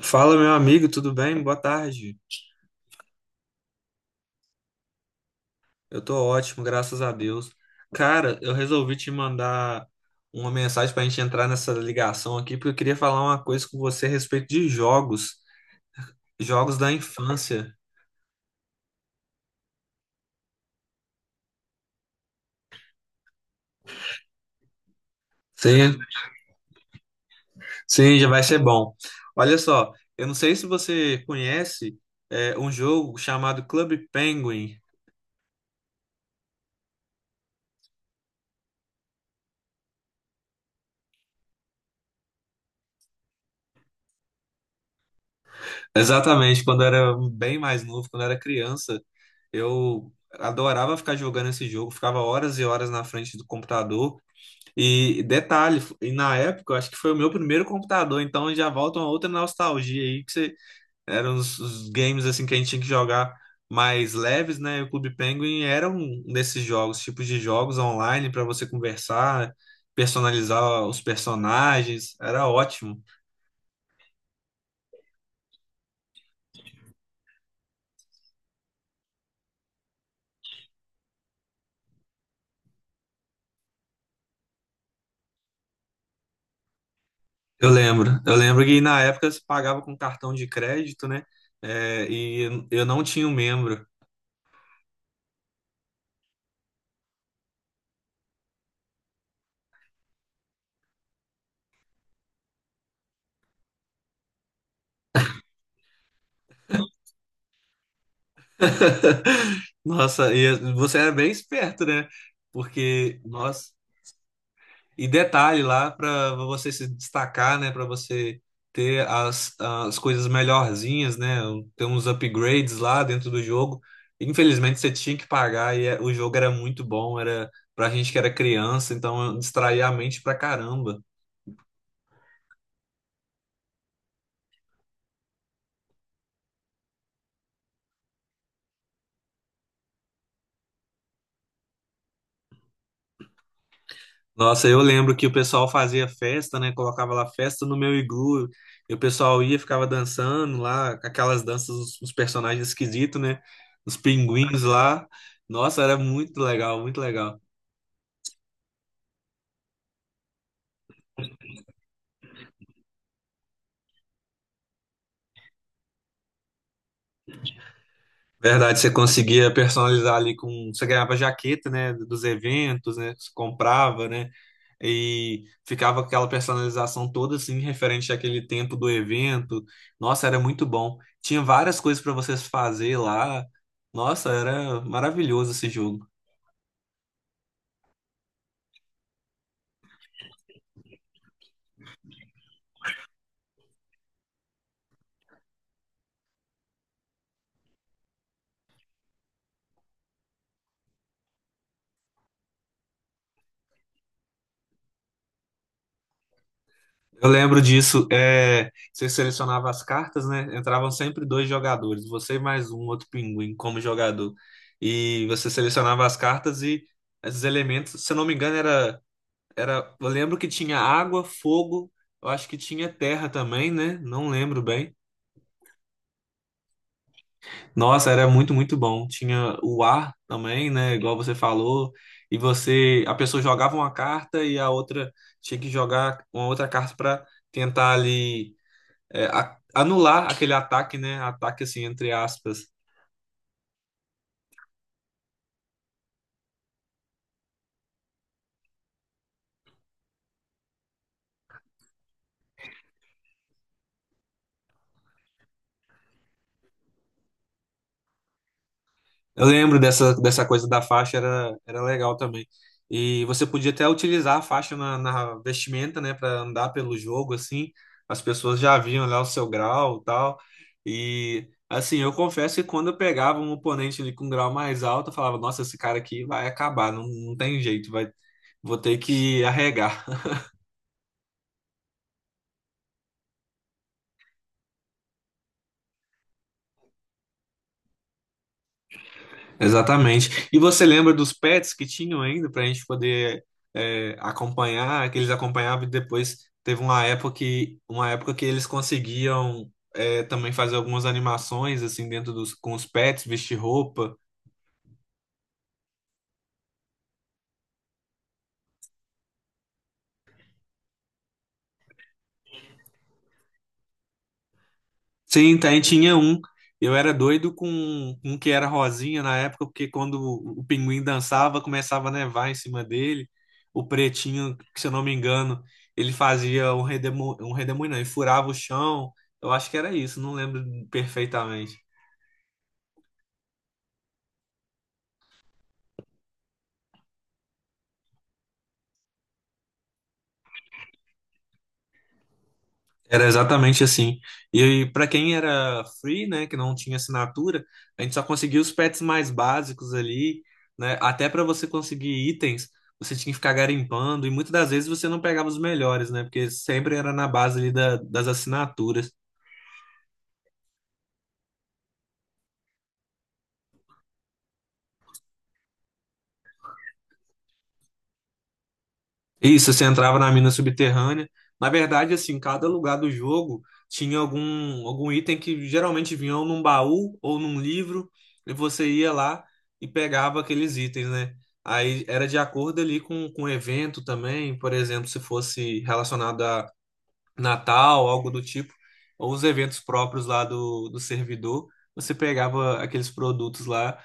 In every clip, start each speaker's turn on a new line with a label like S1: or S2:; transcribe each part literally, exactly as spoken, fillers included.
S1: Fala, meu amigo, tudo bem? Boa tarde. Eu tô ótimo, graças a Deus. Cara, eu resolvi te mandar uma mensagem pra gente entrar nessa ligação aqui, porque eu queria falar uma coisa com você a respeito de jogos, jogos da infância. Sim, sim, já vai ser bom. Olha só, eu não sei se você conhece, é, um jogo chamado Club Penguin. Exatamente, quando eu era bem mais novo, quando eu era criança, eu adorava ficar jogando esse jogo, ficava horas e horas na frente do computador. E detalhe, f- e na época eu acho que foi o meu primeiro computador, então já volta uma outra nostalgia aí, que você, eram os, os games assim que a gente tinha que jogar mais leves, né? E o Clube Penguin era um um desses jogos, tipos de jogos online para você conversar, personalizar os personagens, era ótimo. Eu lembro, eu lembro que na época você pagava com cartão de crédito, né? É, e eu não tinha um membro. Nossa, e você era bem esperto, né? Porque, nossa, e detalhe lá para você se destacar, né? Para você ter as, as coisas melhorzinhas, né? Ter uns upgrades lá dentro do jogo. Infelizmente você tinha que pagar e é- o jogo era muito bom, era pra gente que era criança, então distraía a mente pra caramba. Nossa, eu lembro que o pessoal fazia festa, né? Colocava lá festa no meu iglu, e o pessoal ia, ficava dançando lá, com aquelas danças, os os personagens esquisitos, né? Os pinguins lá. Nossa, era muito legal, muito legal. Verdade, você conseguia personalizar ali com. Você ganhava jaqueta, né? Dos eventos, né? Você comprava, né? E ficava aquela personalização toda assim, referente àquele tempo do evento. Nossa, era muito bom. Tinha várias coisas para vocês fazer lá. Nossa, era maravilhoso esse jogo. Eu lembro disso. É... Você selecionava as cartas, né? Entravam sempre dois jogadores, você e mais um outro pinguim como jogador. E você selecionava as cartas e esses elementos, se eu não me engano, era. Era, eu lembro que tinha água, fogo, eu acho que tinha terra também, né? Não lembro bem. Nossa, era muito, muito bom. Tinha o ar também, né? Igual você falou. E você, a pessoa jogava uma carta e a outra tinha que jogar uma outra carta para tentar ali, é, a- anular aquele ataque, né? Ataque assim, entre aspas. Eu lembro dessa, dessa coisa da faixa, era, era legal também. E você podia até utilizar a faixa na, na vestimenta, né, para andar pelo jogo, assim. As pessoas já viam lá o seu grau e tal. E, assim, eu confesso que quando eu pegava um oponente ali com um grau mais alto, eu falava: "Nossa, esse cara aqui vai acabar, não, não tem jeito, vai, vou ter que arregar." Exatamente. E você lembra dos pets que tinham ainda para a gente poder é, acompanhar, que eles acompanhavam e depois teve uma época que, uma época que eles conseguiam é, também fazer algumas animações assim dentro dos com os pets, vestir roupa. Sim, tem, tinha um. Eu era doido com um que era rosinha na época, porque quando o pinguim dançava, começava a nevar em cima dele. O pretinho, que, se eu não me engano, ele fazia um redemoinho, um redemoinho, não, ele furava o chão. Eu acho que era isso, não lembro perfeitamente. Era exatamente assim. E para quem era free, né, que não tinha assinatura, a gente só conseguia os pets mais básicos ali, né? Até para você conseguir itens, você tinha que ficar garimpando e muitas das vezes você não pegava os melhores, né? Porque sempre era na base ali da- das assinaturas. Isso, você entrava na mina subterrânea. Na verdade, assim, cada lugar do jogo tinha algum, algum item que geralmente vinha ou num baú ou num livro, e você ia lá e pegava aqueles itens, né? Aí era de acordo ali com, com o evento também, por exemplo, se fosse relacionado Natal, algo do tipo, ou os eventos próprios lá do, do servidor, você pegava aqueles produtos lá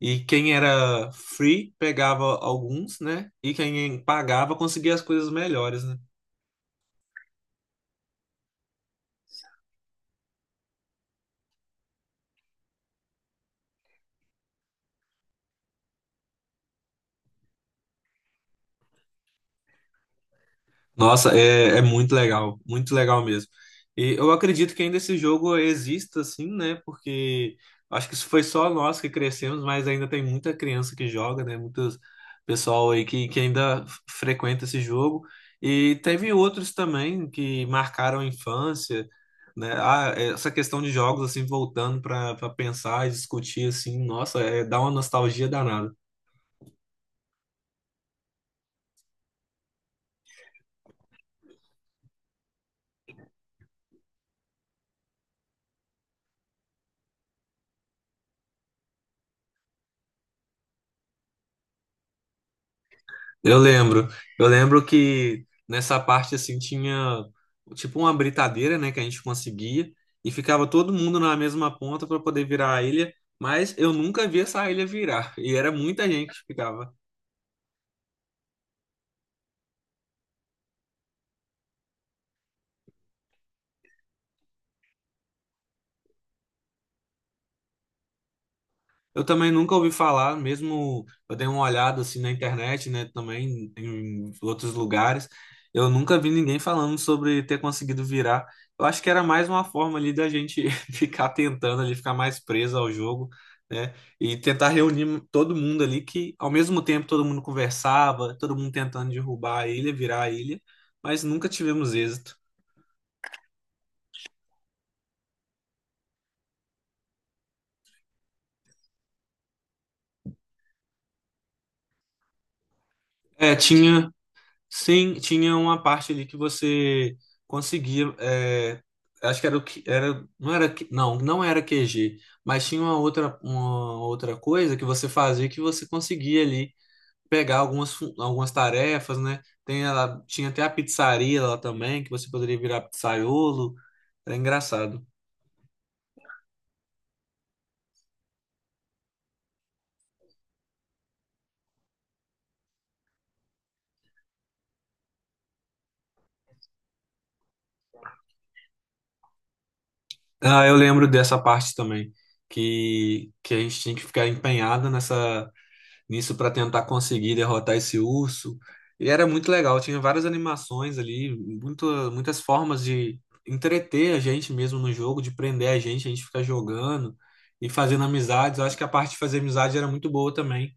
S1: e quem era free pegava alguns, né? E quem pagava conseguia as coisas melhores, né? Nossa, é, é muito legal, muito legal mesmo. E eu acredito que ainda esse jogo exista, assim, né? Porque acho que isso foi só nós que crescemos, mas ainda tem muita criança que joga, né? Muitos pessoal aí que, que ainda f- frequenta esse jogo. E teve outros também que marcaram a infância, né? Ah, essa questão de jogos, assim, voltando para pensar e discutir, assim, nossa, é, dá uma nostalgia danada. Eu lembro, eu lembro que nessa parte assim tinha tipo uma britadeira, né, que a gente conseguia e ficava todo mundo na mesma ponta para poder virar a ilha, mas eu nunca vi essa ilha virar e era muita gente que ficava. Eu também nunca ouvi falar, mesmo eu dei uma olhada assim na internet, né, também em outros lugares. Eu nunca vi ninguém falando sobre ter conseguido virar. Eu acho que era mais uma forma ali da gente ficar tentando ali, ficar mais preso ao jogo, né? E tentar reunir todo mundo ali que ao mesmo tempo todo mundo conversava, todo mundo tentando derrubar a ilha, virar a ilha, mas nunca tivemos êxito. É, tinha sim, tinha uma parte ali que você conseguia. É, acho que era o que era, não era, que- não, não era Q G, mas tinha uma outra, uma outra coisa que você fazia que você conseguia ali pegar algumas, fu- algumas tarefas, né? Tem ela, tinha até a pizzaria lá também, que você poderia virar pizzaiolo. Era engraçado. Ah, eu lembro dessa parte também, que, que a gente tinha que ficar empenhada nessa. Nisso para tentar conseguir derrotar esse urso. E era muito legal, tinha várias animações ali, muito, muitas formas de entreter a gente mesmo no jogo, de prender a gente, a gente ficar jogando e fazendo amizades. Eu acho que a parte de fazer amizade era muito boa também,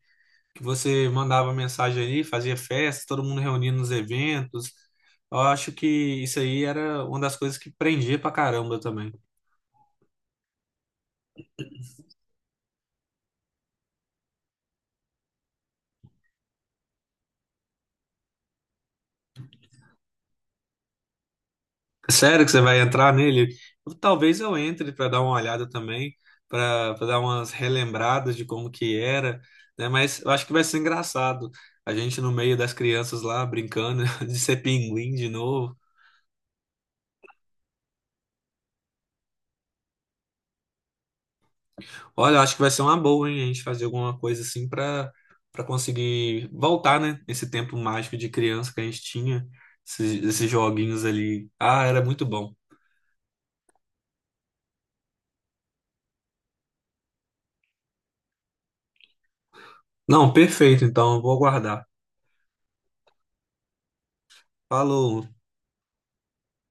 S1: que você mandava mensagem ali, fazia festa, todo mundo reunindo nos eventos. Eu acho que isso aí era uma das coisas que prendia pra caramba também. Sério que você vai entrar nele? Talvez eu entre para dar uma olhada também, para dar umas relembradas de como que era, né? Mas eu acho que vai ser engraçado. A gente no meio das crianças lá brincando de ser pinguim de novo. Olha, eu acho que vai ser uma boa, hein? A gente fazer alguma coisa assim para para conseguir voltar, né? Esse tempo mágico de criança que a gente tinha, esses, esses joguinhos ali. Ah, era muito bom. Não, perfeito. Então, eu vou aguardar. Falou.